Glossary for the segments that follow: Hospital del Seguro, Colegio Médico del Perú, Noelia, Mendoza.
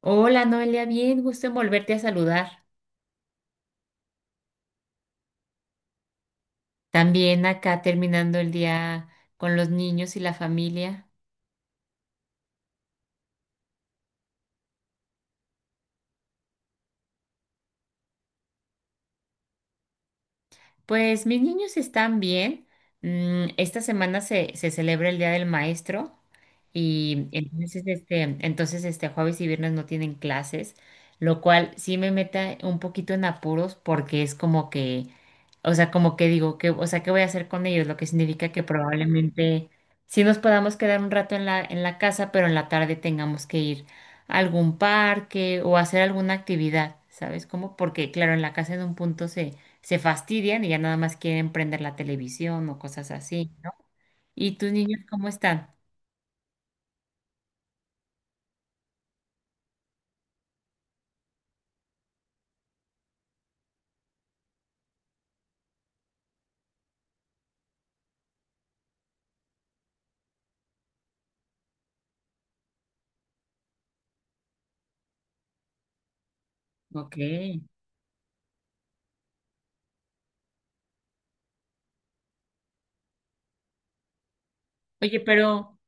Hola Noelia, bien, gusto en volverte a saludar. También acá terminando el día con los niños y la familia. Pues mis niños están bien. Esta semana se celebra el Día del Maestro y entonces este jueves y viernes no tienen clases, lo cual sí me mete un poquito en apuros porque es como que, o sea, como que digo, o sea, ¿qué voy a hacer con ellos? Lo que significa que probablemente sí nos podamos quedar un rato en en la casa, pero en la tarde tengamos que ir a algún parque o hacer alguna actividad, ¿sabes cómo? Porque claro, en la casa en un punto se fastidian y ya nada más quieren prender la televisión o cosas así, ¿no? ¿Y tus niños cómo están? Ok. Oye, pero,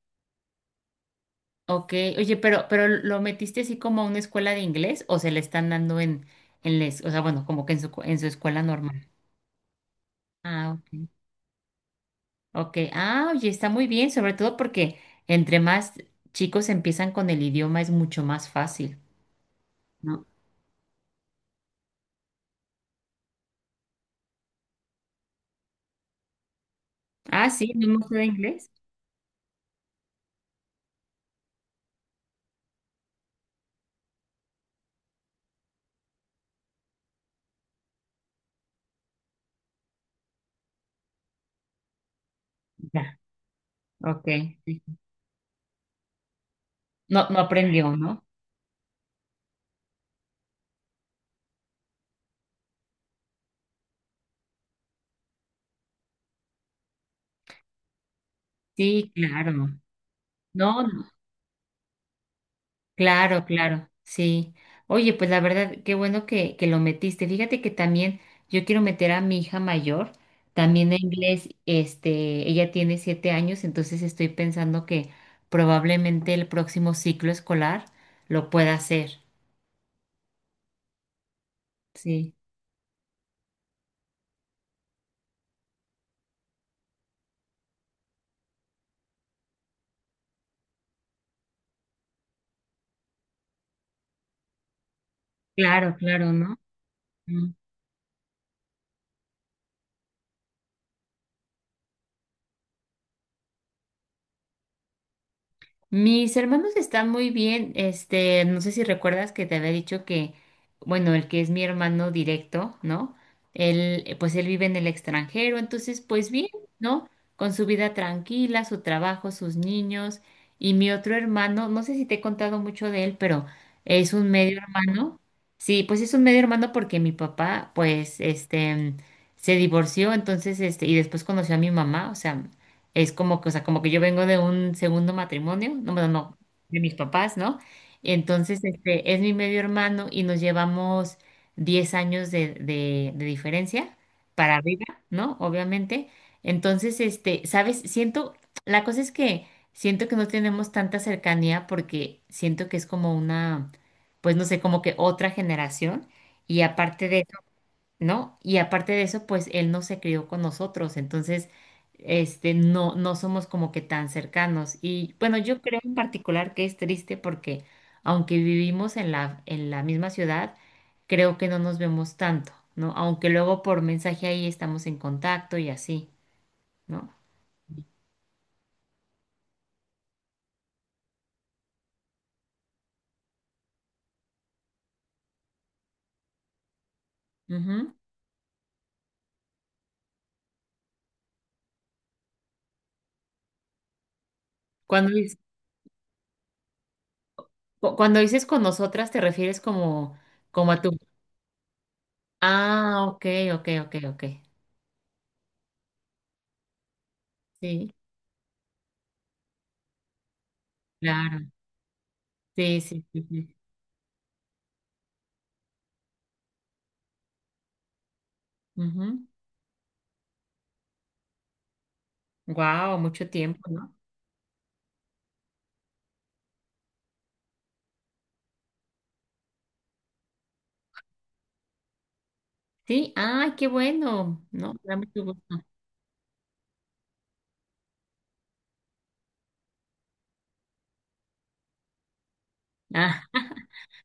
ok, oye, pero ¿lo metiste así como a una escuela de inglés o se le están dando o sea, bueno, como que en en su escuela normal? Ah, ok. Ok, ah, oye, está muy bien, sobre todo porque entre más chicos empiezan con el idioma es mucho más fácil, ¿no? Ah, sí, no me gusta de inglés. Ya, ok. Sí. No, no aprendió, ¿no? Sí, claro. No, no, claro, claro, sí. Oye, pues la verdad, qué bueno que lo metiste. Fíjate que también yo quiero meter a mi hija mayor, también a inglés, este, ella tiene 7 años, entonces estoy pensando que probablemente el próximo ciclo escolar lo pueda hacer. Sí, claro, claro, ¿no? Mis hermanos están muy bien. Este, no sé si recuerdas que te había dicho que, bueno, el que es mi hermano directo, ¿no? Él, pues él vive en el extranjero, entonces, pues bien, ¿no? Con su vida tranquila, su trabajo, sus niños. Y mi otro hermano, no sé si te he contado mucho de él, pero es un medio hermano. Sí, pues es un medio hermano porque mi papá, pues, este, se divorció, entonces, este, y después conoció a mi mamá, o sea. Es como que, o sea, como que yo vengo de un segundo matrimonio, no, bueno, no, de mis papás, ¿no? Entonces, este, es mi medio hermano y nos llevamos 10 años de diferencia para arriba, ¿no? Obviamente. Entonces, este, ¿sabes? Siento, la cosa es que siento que no tenemos tanta cercanía porque siento que es como una, pues no sé, como que otra generación. Y aparte ¿no? Y aparte de eso, pues él no se crió con nosotros, entonces, este, no, no somos como que tan cercanos. Y bueno, yo creo en particular que es triste porque aunque vivimos en en la misma ciudad, creo que no nos vemos tanto, ¿no? Aunque luego por mensaje ahí estamos en contacto y así, ¿no? Ujú. Cuando, dices- cu- cuando dices con nosotras, te refieres como, como a tu... Ah, ok, ok, ok, ok. Sí, claro. Sí, sí, sí, sí. Ujú. Wow, mucho tiempo, ¿no? Sí, ay, qué bueno, ¿no? Me da mucho gusto. Ah,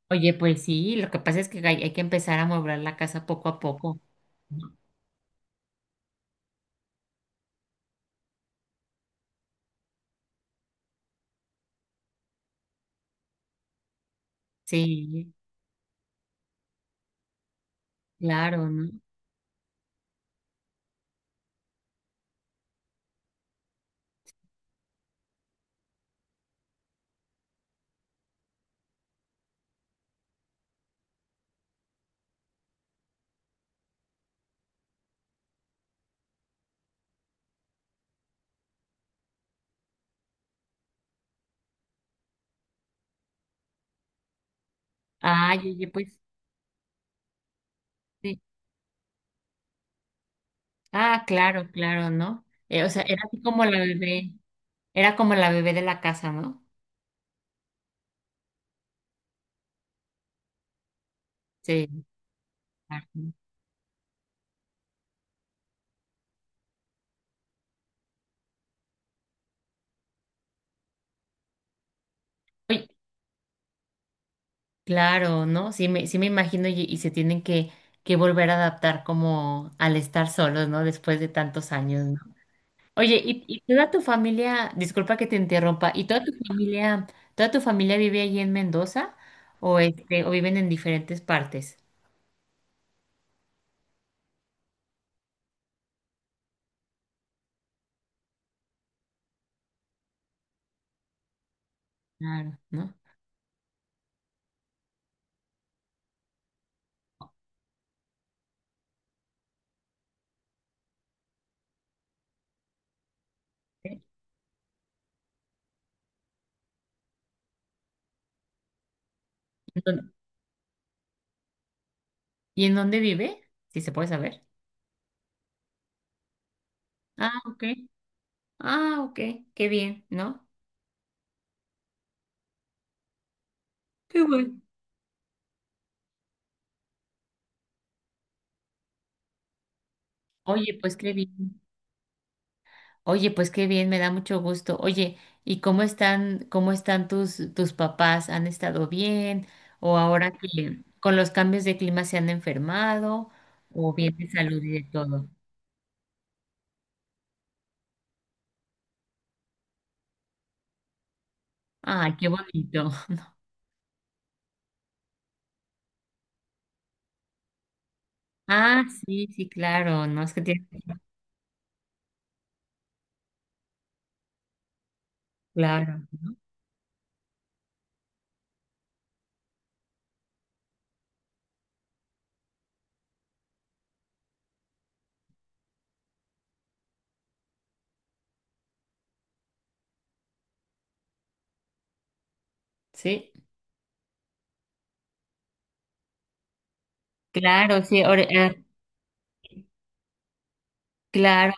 oye, pues sí, lo que pasa es que hay que empezar a amueblar la casa poco a poco, ¿no? Sí, claro, ¿no? Ay, oye, pues sí. Ah, claro, claro, ¿no? O sea, era así como la bebé, era como la bebé de la casa, ¿no? Sí, claro. ¿No? Oye, claro, ¿no? Sí me imagino y se tienen que volver a adaptar como al estar solos, ¿no? Después de tantos años, oye, ¿y toda tu familia, disculpa que te interrumpa, ¿y toda tu familia vive allí en Mendoza o este, o viven en diferentes partes? Claro, ¿no? Sí. ¿En dónde- ¿y en dónde vive? Si se puede saber. Ah, ok. Ah, ok. Qué bien, ¿no? Qué bueno. Oye, pues qué bien. Oye, pues qué bien, me da mucho gusto. Oye, ¿y cómo están tus papás? ¿Han estado bien? ¿O ahora que con los cambios de clima se han enfermado? ¿O bien de salud y de todo? Ay, qué bonito. Ah, sí, sí, claro, no es que tiene, claro, ¿no? Sí, claro, sí, ahora, claro,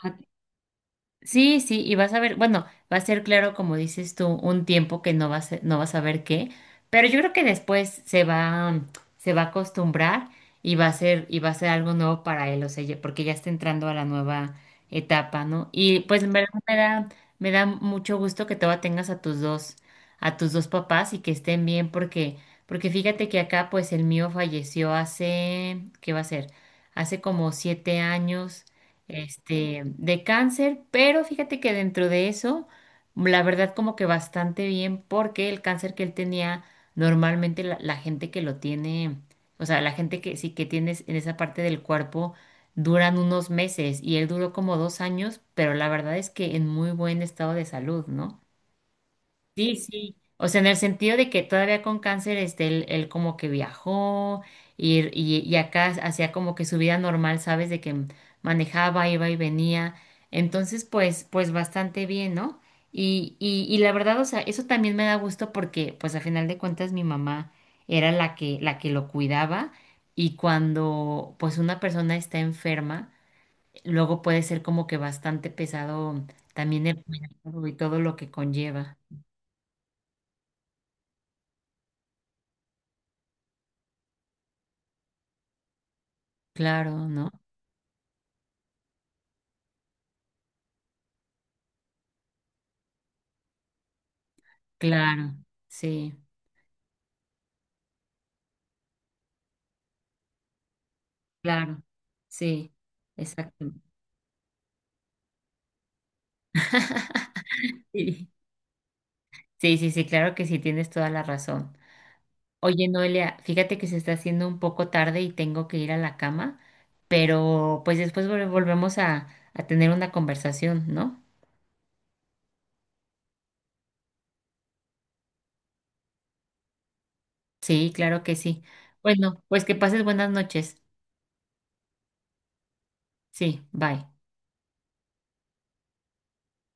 sí, sí, y vas a ver, bueno, va a ser claro, como dices tú, un tiempo que no vas, a- no vas a ver qué, pero yo creo que después se va a acostumbrar y va a ser, y va a ser algo nuevo para él, o sea, ya- porque ya está entrando a la nueva etapa, ¿no? Y pues en verdad me da mucho gusto que todavía tengas a tus dos papás y que estén bien, porque, porque fíjate que acá, pues el mío falleció hace, ¿qué va a ser? Hace como 7 años este, de cáncer, pero fíjate que dentro de eso, la verdad como que bastante bien, porque el cáncer que él tenía, normalmente la gente que lo tiene, o sea, la gente que sí que tienes en esa parte del cuerpo, duran unos meses y él duró como 2 años, pero la verdad es que en muy buen estado de salud, ¿no? Sí, sí. O sea, en el sentido de que todavía con cáncer, este, él como que viajó y acá hacía como que su vida normal, ¿sabes? De que manejaba, iba y venía. Entonces, pues, pues bastante bien, ¿no? Y la verdad, o sea, eso también me da gusto porque, pues, a final de cuentas, mi mamá era la que lo cuidaba y cuando, pues, una persona está enferma, luego puede ser como que bastante pesado también el cuidado y todo lo que conlleva. Claro, ¿no? Claro, sí, claro, sí, exacto. Sí, sí, sí, sí, claro que sí, tienes toda la razón. Oye, Noelia, fíjate que se está haciendo un poco tarde y tengo que ir a la cama, pero pues después vol- volvemos a tener una conversación, ¿no? Sí, claro que sí. Bueno, pues que pases buenas noches. Sí, bye.